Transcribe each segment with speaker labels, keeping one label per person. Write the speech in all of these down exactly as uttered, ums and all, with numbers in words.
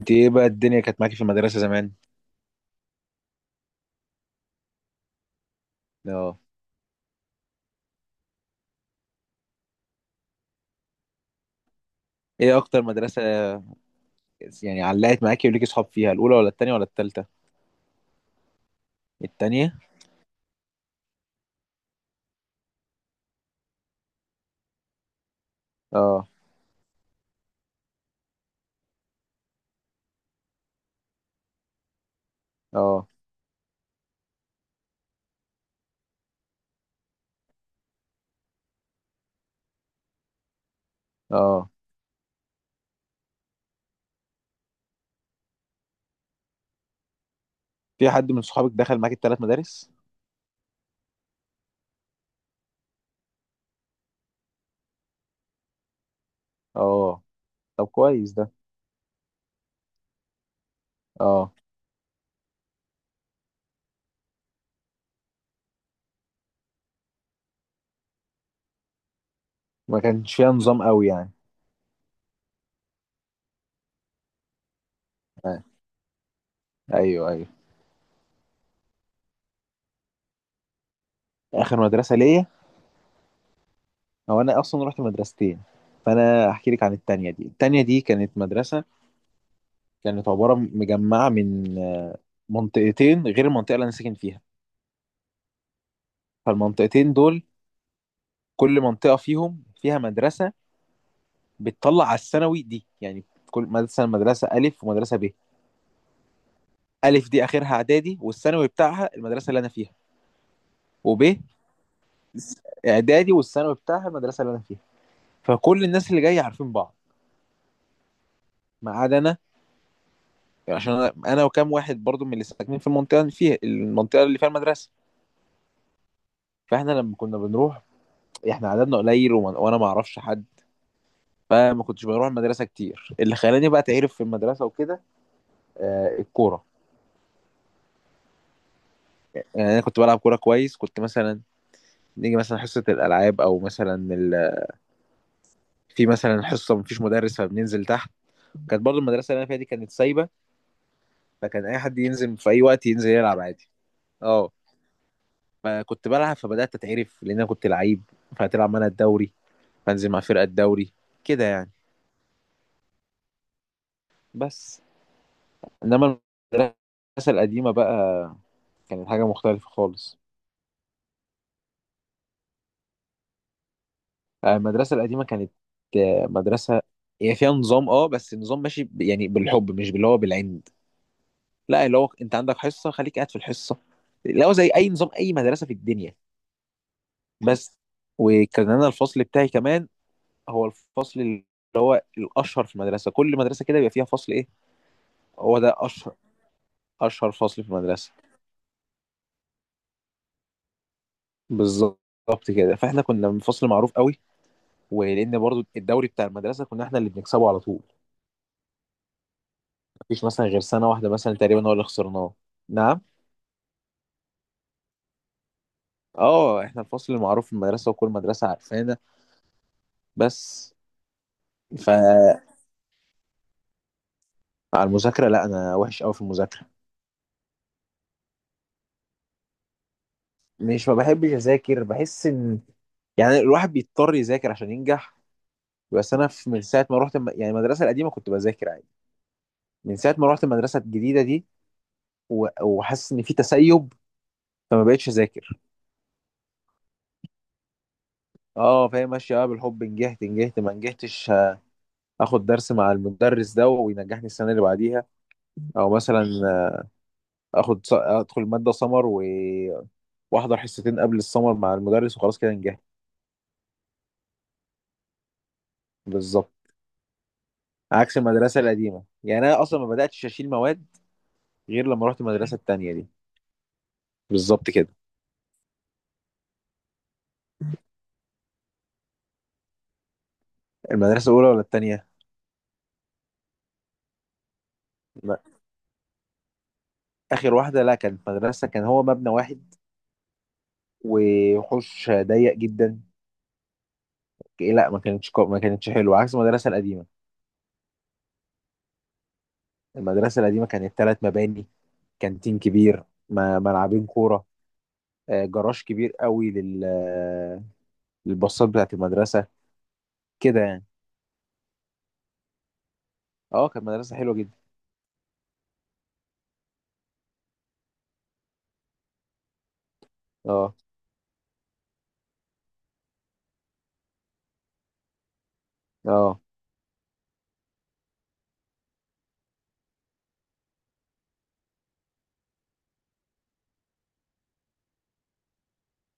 Speaker 1: انت ايه بقى الدنيا كانت معاكي في المدرسة زمان؟ اه. ايه اكتر مدرسة. يعني علقت معاكي وليكي صحاب فيها الاولى ولا التانية ولا التالتة؟ التانية؟ اه. اه. اه. في حد من صحابك دخل معاكي التلات مدارس؟ اه، طب كويس ده. اه، ما كانش فيها نظام قوي يعني. آه. ايوه، ايوه. اخر مدرسة ليا، هو انا اصلا رحت مدرستين، فانا احكي لك عن التانية دي. التانية دي كانت مدرسة، كانت عبارة مجمعة من آه، منطقتين غير المنطقة اللي انا ساكن فيها. فالمنطقتين دول كل منطقة فيهم فيها مدرسة بتطلع على الثانوي دي يعني. كل مدرسة، مدرسة ألف ومدرسة ب. ألف دي آخرها إعدادي والثانوي بتاعها المدرسة اللي أنا فيها. وب إعدادي والثانوي بتاعها المدرسة اللي أنا فيها. فكل الناس اللي جاية عارفين بعض ما عدا أنا، عشان أنا أنا وكام واحد برضو من اللي ساكنين في المنطقة اللي فيها المنطقة اللي فيها المدرسة. فإحنا لما كنا بنروح، إحنا عددنا قليل وما- وأنا ما أعرفش حد، فما كنتش بروح المدرسة كتير. اللي خلاني بقى تعرف في المدرسة وكده آه، الكورة. يعني انا كنت بلعب كوره كويس، كنت مثلا نيجي مثلا حصه الالعاب او مثلا ال... في مثلا حصه مفيش مدرس فبننزل تحت. كانت برضو المدرسه اللي انا فيها دي كانت سايبه، فكان اي حد ينزل في اي وقت ينزل يلعب عادي. اه. فكنت بلعب فبدات اتعرف، لان انا كنت لعيب فهتلعب معانا الدوري، فانزل مع فرقه الدوري كده يعني. بس انما المدرسه القديمه بقى كانت حاجه مختلفه خالص. آه، المدرسه القديمه كانت آه، مدرسه هي فيها نظام، اه بس النظام ماشي ب- يعني بالحب مش باللي هو بالعند. لا، اللي هو انت عندك حصه خليك قاعد في الحصه، اللي هو زي اي نظام اي مدرسه في الدنيا. بس، وكان انا الفصل بتاعي كمان هو الفصل اللي هو الاشهر في المدرسه. كل مدرسه كده بيبقى فيها فصل ايه، هو ده اشهر، اشهر فصل في المدرسه. بالظبط كده، فاحنا كنا من فصل معروف قوي، ولان برضو الدوري بتاع المدرسه كنا احنا اللي بنكسبه على طول. مفيش مثلا غير سنه واحده مثلا تقريبا هو اللي خسرناه. نعم. اه، احنا الفصل المعروف في المدرسه وكل مدرسه عارفانا. بس، على المذاكرة، لا أنا وحش أوي في المذاكرة. مش ما بحبش أذاكر، بحس إن يعني الواحد بيضطر يذاكر عشان ينجح. بس أنا في من ساعة ما رحت الم- يعني المدرسة القديمة كنت بذاكر عادي. من ساعة ما رحت المدرسة الجديدة دي و- وحاسس إن في تسيب، فما بقتش أذاكر. أه، فهي ماشية بقى بالحب. نجحت، نجحت ما نجحتش ه- آخد درس مع المدرس ده وينجحني السنة اللي بعديها. أو مثلا آخد ص- أدخل مادة سمر و- وأحضر حصتين قبل السمر مع المدرس وخلاص كده نجحت. بالظبط، عكس المدرسة القديمة، يعني أنا أصلا ما بدأتش أشيل مواد غير لما رحت المدرسة التانية دي. بالظبط كده. المدرسة الأولى ولا التانية؟ لا. آخر واحدة، لا كانت مدرسة، كان هو مبنى واحد وحوش ضيق جدا. إيه، لا ما كانتش كو... ما كانتش حلوة، عكس المدرسة القديمة. المدرسة القديمة كانت ثلاث مباني، كانتين كبير، م- ملعبين كورة، آه، جراج كبير قوي لل آه، للباصات بتاعت المدرسة كده يعني. اه، كانت مدرسة حلوة جدا. اه. اه.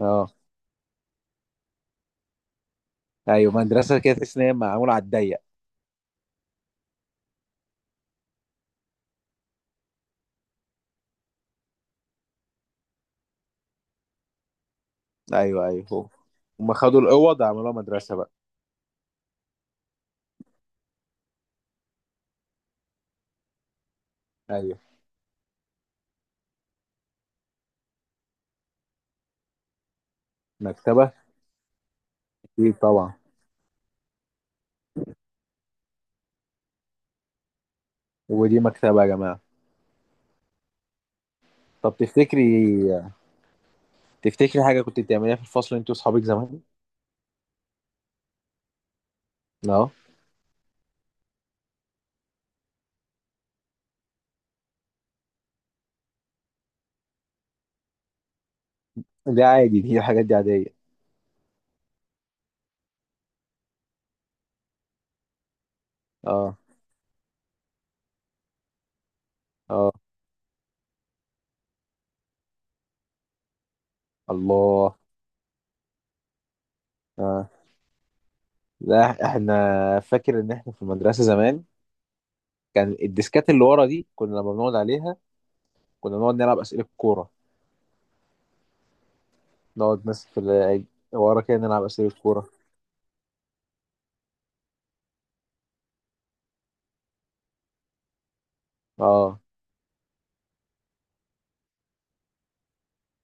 Speaker 1: اه. ايوه، مدرسة كده تحس ان هي معمولة على الضيق. ايوه، ايوه. هو هم خدوا الاوض عملوها مدرسه بقى. ايوه. مكتبه؟ اكيد طبعا. ودي مكتبه يا جماعه. طب تفتكري، تفتكري حاجه كنت بتعمليها في الفصل انت واصحابك زمان. اه، ده عادي، دي الحاجات دي عاديه. اه. اه. الله. اه. لا، احنا فاكر ان احنا في المدرسه زمان كان الديسكات اللي ورا دي، كنا لما بنقعد عليها كنا بنقعد نلعب اسئله كوره، نقعد ناس في ال- ورا كده نلعب اسئله كوره. اه،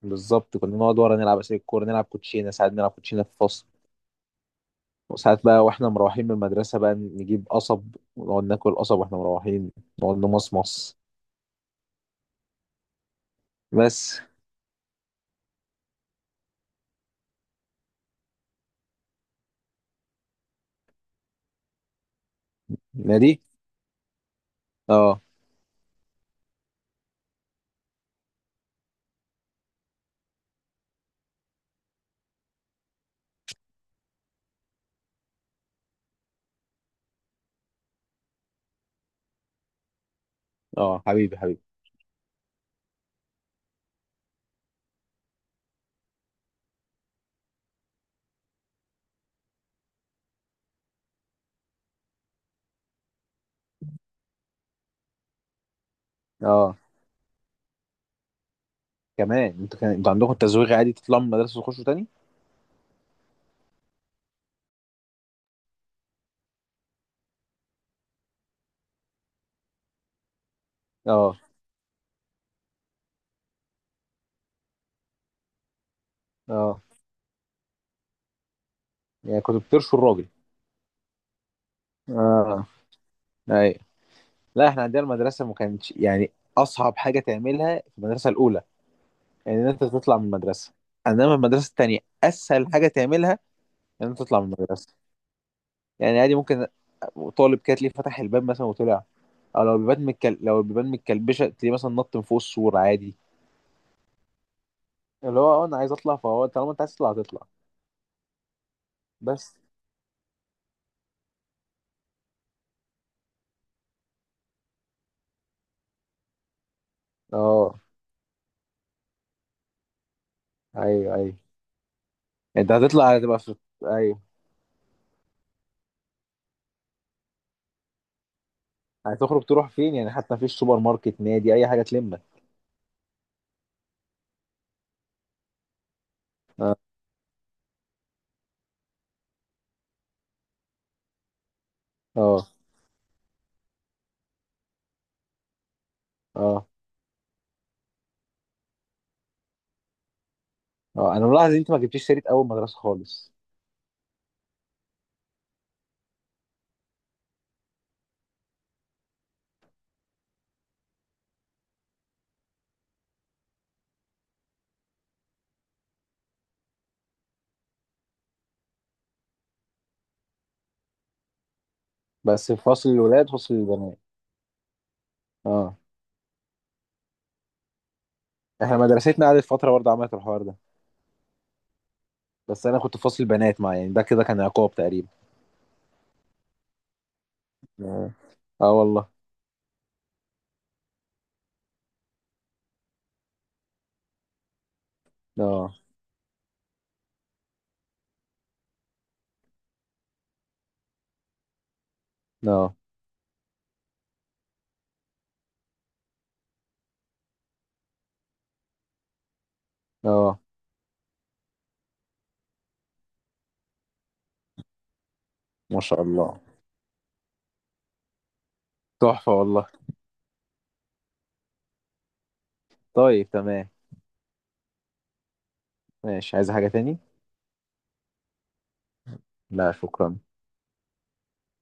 Speaker 1: بالظبط، كنا نقعد ورا نلعب اسئله الكوره، نلعب كوتشينه، ساعات نلعب كوتشينه في الفصل. وساعات بقى واحنا مروحين من المدرسه بقى نجيب قصب ونقعد ناكل قصب واحنا مروحين، نقعد نمصمص. بس. نادي. اه. اه، حبيبي حبيبي. اه. كمان انتوا كان انتوا عندكم تزويغ عادي تطلعوا من المدرسه تخشوا تاني. اه. اه، يعني كنتوا بترشوا الراجل. اه، ايوه. لا، احنا عندنا المدرسه ما كانتش يعني اصعب حاجه تعملها في المدرسه الاولى يعني ان انت تطلع من المدرسه. انما المدرسه التانيه اسهل حاجه تعملها ان انت تطلع من المدرسه. يعني عادي، ممكن طالب كده تلاقيه فتح الباب مثلا وطلع، او لو البيبان متكل... لو البيبان متكلبشه تلاقيه مثلا نط من فوق السور عادي. اللي هو اه انا عايز اطلع، فهو طالما انت عايز تطلع هتطلع. بس. اه، ايوه ايوه. انت هتطلع هتبقى في، ايوه، هتخرج تروح فين يعني؟ حتى مفيش سوبر ماركت، نادي، اي حاجه تلمك. اه. اه. اه، انا ملاحظ ان انت ما جبتيش سيره اول مدرسه خالص. بس في فصل الولاد وفصل البنات. اه. احنا مدرستنا قعدت فتره برضه عملت الحوار ده. بس انا كنت في فصل البنات، مع يعني ده كده كان عقاب تقريبا. اه. آه والله. اه. اه. اه. ما شاء الله. تحفة والله. طيب، تمام. ماشي، عايز حاجة تاني؟ لا شكرا.